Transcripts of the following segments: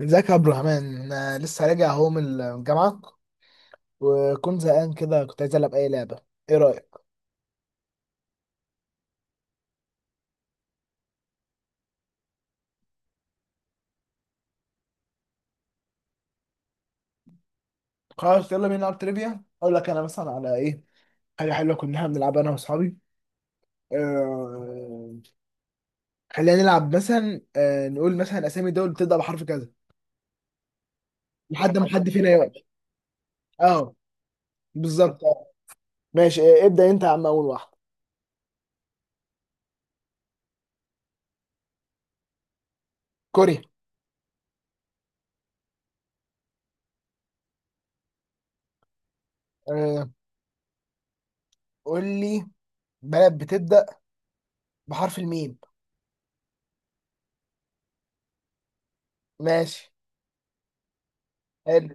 ازيك يا عبد الرحمن؟ أنا لسه راجع اهو من الجامعة، وكنت زهقان كده، كنت عايز العب اي لعبة. ايه رأيك؟ خلاص يلا بينا نلعب تريفيا. اقول لك انا مثلا على ايه. حاجة حلوة كنا بنلعبها انا واصحابي. آه... خلينا نلعب مثلا نقول مثلا اسامي دول بتبدأ بحرف كذا لحد ما حد فينا يقعد. اه، بالظبط. ماشي، ابدأ انت يا عم اول واحد. كوريا. آه... قول لي بلد بتبدأ بحرف الميم. ماشي. حلو.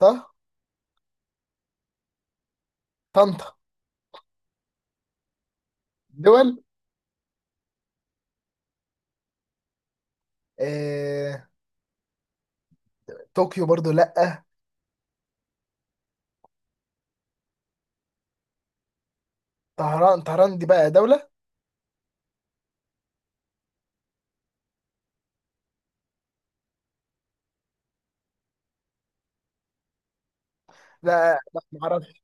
طه؟ طنطا؟ دول؟ آه، طوكيو برضو لأ. طهران؟ طهران دي بقى دولة. لا لا، معرفش.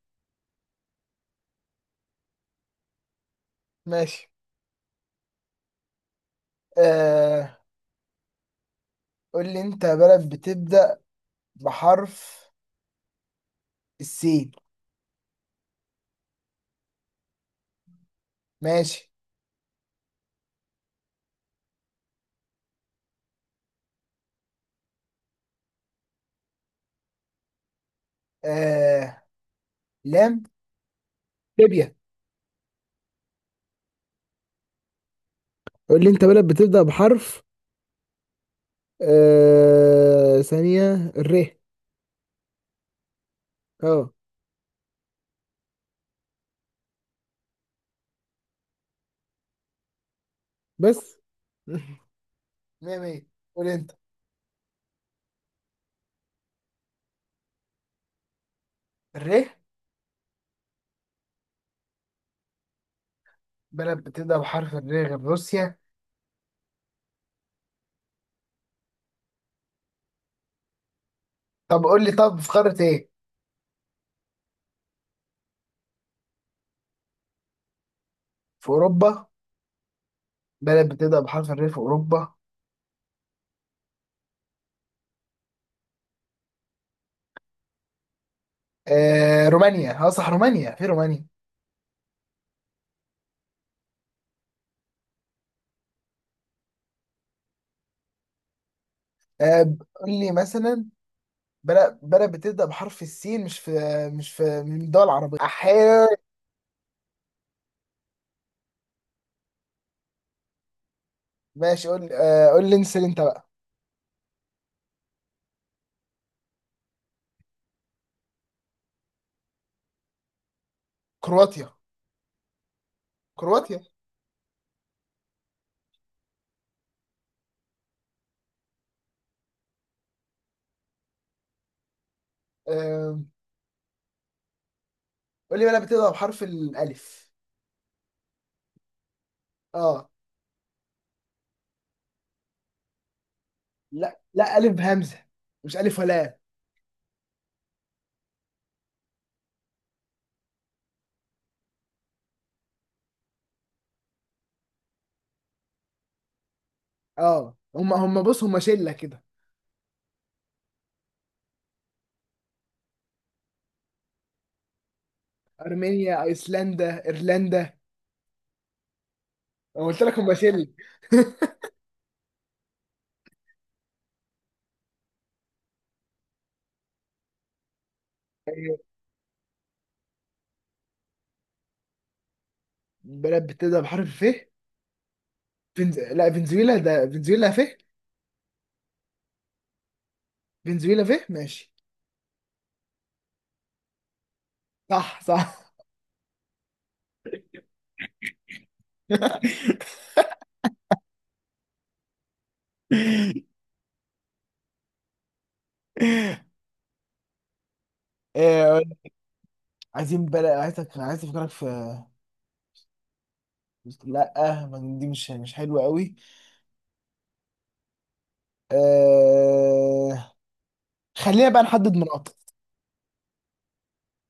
ماشي. آه قول لي انت بلد بتبدأ بحرف السين. ماشي. آه، لام. ليبيا. قول لي انت بلد بتبدأ بحرف ثانية، الر. اه. بس. مية مية. قول انت. الر؟ بلد بتبدأ بحرف الر غير روسيا؟ طب قول لي، طب في قارة ايه؟ في أوروبا؟ بلد بتبدأ بحرف الر في أوروبا؟ آه، رومانيا، اه صح، رومانيا، في رومانيا. آه، قول لي مثلا بلد بتبدأ بحرف السين، مش في مش في من الدول العربية أحيانا. ماشي، قول، قول لي، انسى انت بقى. كرواتيا. كرواتيا. آه، قول لي بلد بتبدأ بحرف الألف. اه. لا لا، ألف بهمزة، مش ألف ولا آب. اه، هم بص، هم شلة كده. أرمينيا، أيسلندا، إيرلندا. أنا قلت لك هم شلة. آه، بلد بتبدأ بحرف الف. فنز... لا، فنزويلا، ده فنزويلا، ف فنزويلا، فيه. ماشي. صح صح. آه، عايزين بلا، عايزك، عايز افكرك في. لا، ما دي مش حلوه قوي. آه... خلينا بقى نحدد مناطق.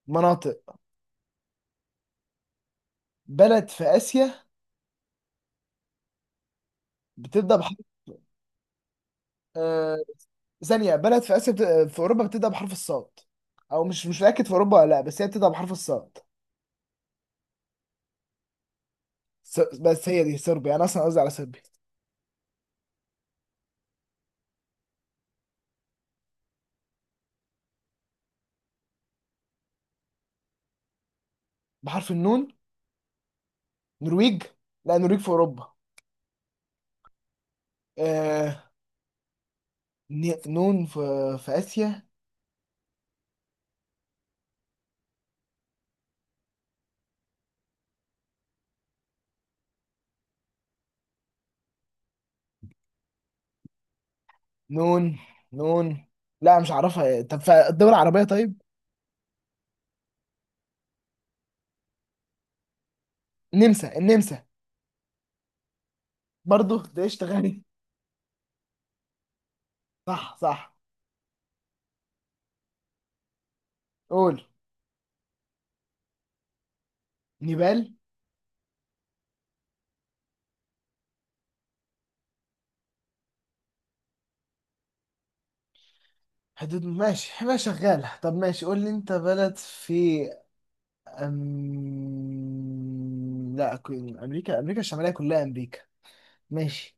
مناطق. بلد في اسيا بتبدا بحرف آه... ثانيه. بلد في اسيا بت... في اوروبا بتبدا بحرف الصاد، او مش متاكد في اوروبا ولا لا، بس هي بتبدا بحرف الصاد. س... بس هي دي صربيا، انا اصلا قصدي على صربيا. بحرف النون. نرويج. لا نرويج في اوروبا. آه... ن... نون في في اسيا. نون. نون. لا مش عارفها. طب في الدول العربية طيب؟ نمسا، النمسا. برضه ده اشتغالي. صح صح. قول. نيبال. حدود، ماشي، ما شغالة. طب ماشي، قول لي انت بلد في لا، كو- امريكا، امريكا الشمالية كلها امريكا. ماشي.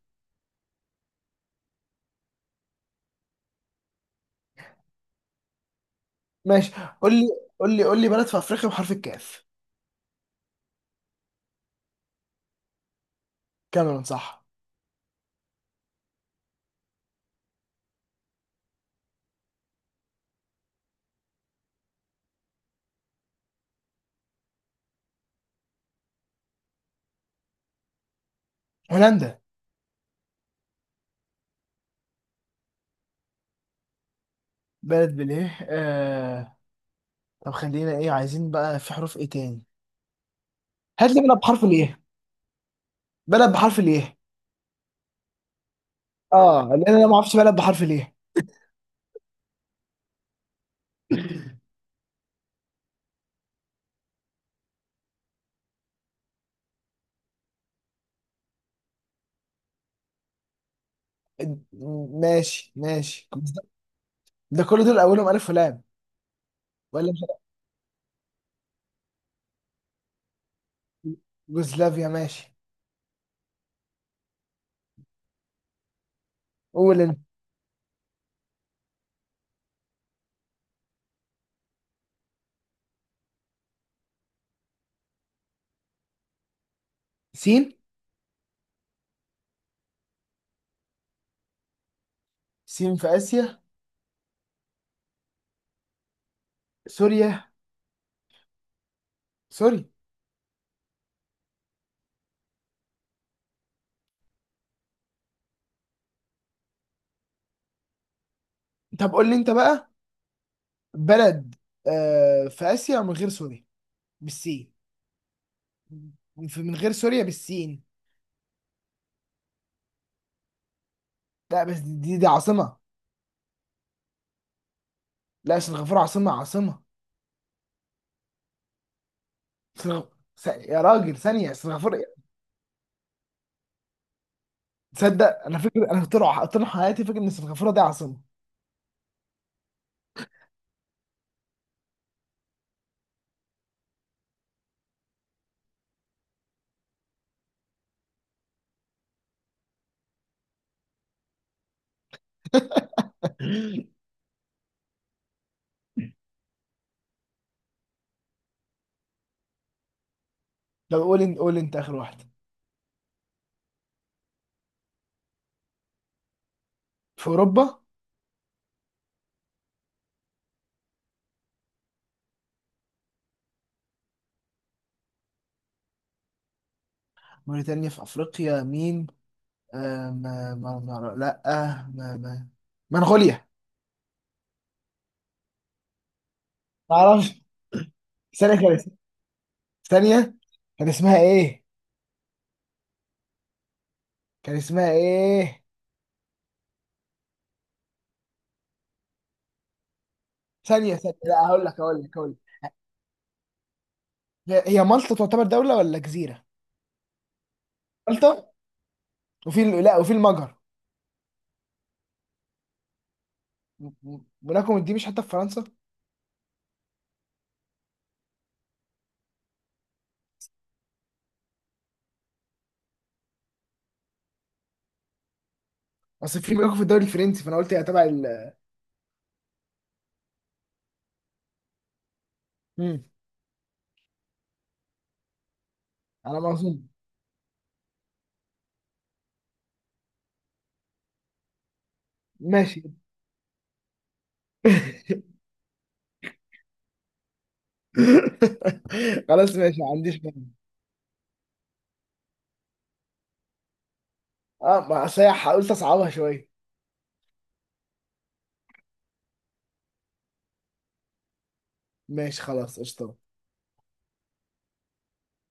ماشي. قول لي قول لي قول لي بلد في افريقيا بحرف الكاف. كاميرون صح. هولندا. بلد بالايه؟ طب خلينا ايه، عايزين بقى في حروف ايه تاني. هات لي بلد بحرف الايه. بلد بحرف الايه. اه، لان انا ما اعرفش بلد بحرف الايه. ماشي ماشي، جوز-. ده كل دول اولهم الف ولام. ولا مش. يوغوسلافيا. ماشي. قول انت. سين. سين في اسيا. سوريا. سوري. طب قول لي انت بقى بلد آه في اسيا من غير سوريا بالسين. في- من غير سوريا بالسين. لا بس دي دي عاصمة. لا، سنغافورة عاصمة، عاصمة. سنغ... س... يا راجل، ثانية، سنغافورة. تصدق انا فاكر، انا طول ع- طول حياتي فاكر ان سنغافورة دي عاصمة. طب قول انت، قول انت اخر واحده. في اوروبا. موريتانيا في افريقيا، مين. آه، ما لا، آه، ما ما منغوليا. ما اعرفش. ثانيه، كانت ثانيه، كان اسمها ايه، كان اسمها ايه. ثانيه ثانيه، لا هقول لك، هقول لك، هقول لك. هي هي مالطا، تعتبر دوله ولا جزيره؟ مالطا. وفي ال- لا، وفي المجر. م- م- موناكو دي مش حتى في فرنسا؟ اصل في موناكو في الدوري الفرنسي، فانا قلت هي تبع ال. مم، على ما اظن. ماشي. خلاص ماشي، ما عنديش مانع. اه، ما أصل هي هقول تصعبها شويه. ماشي، خلاص، قشطه.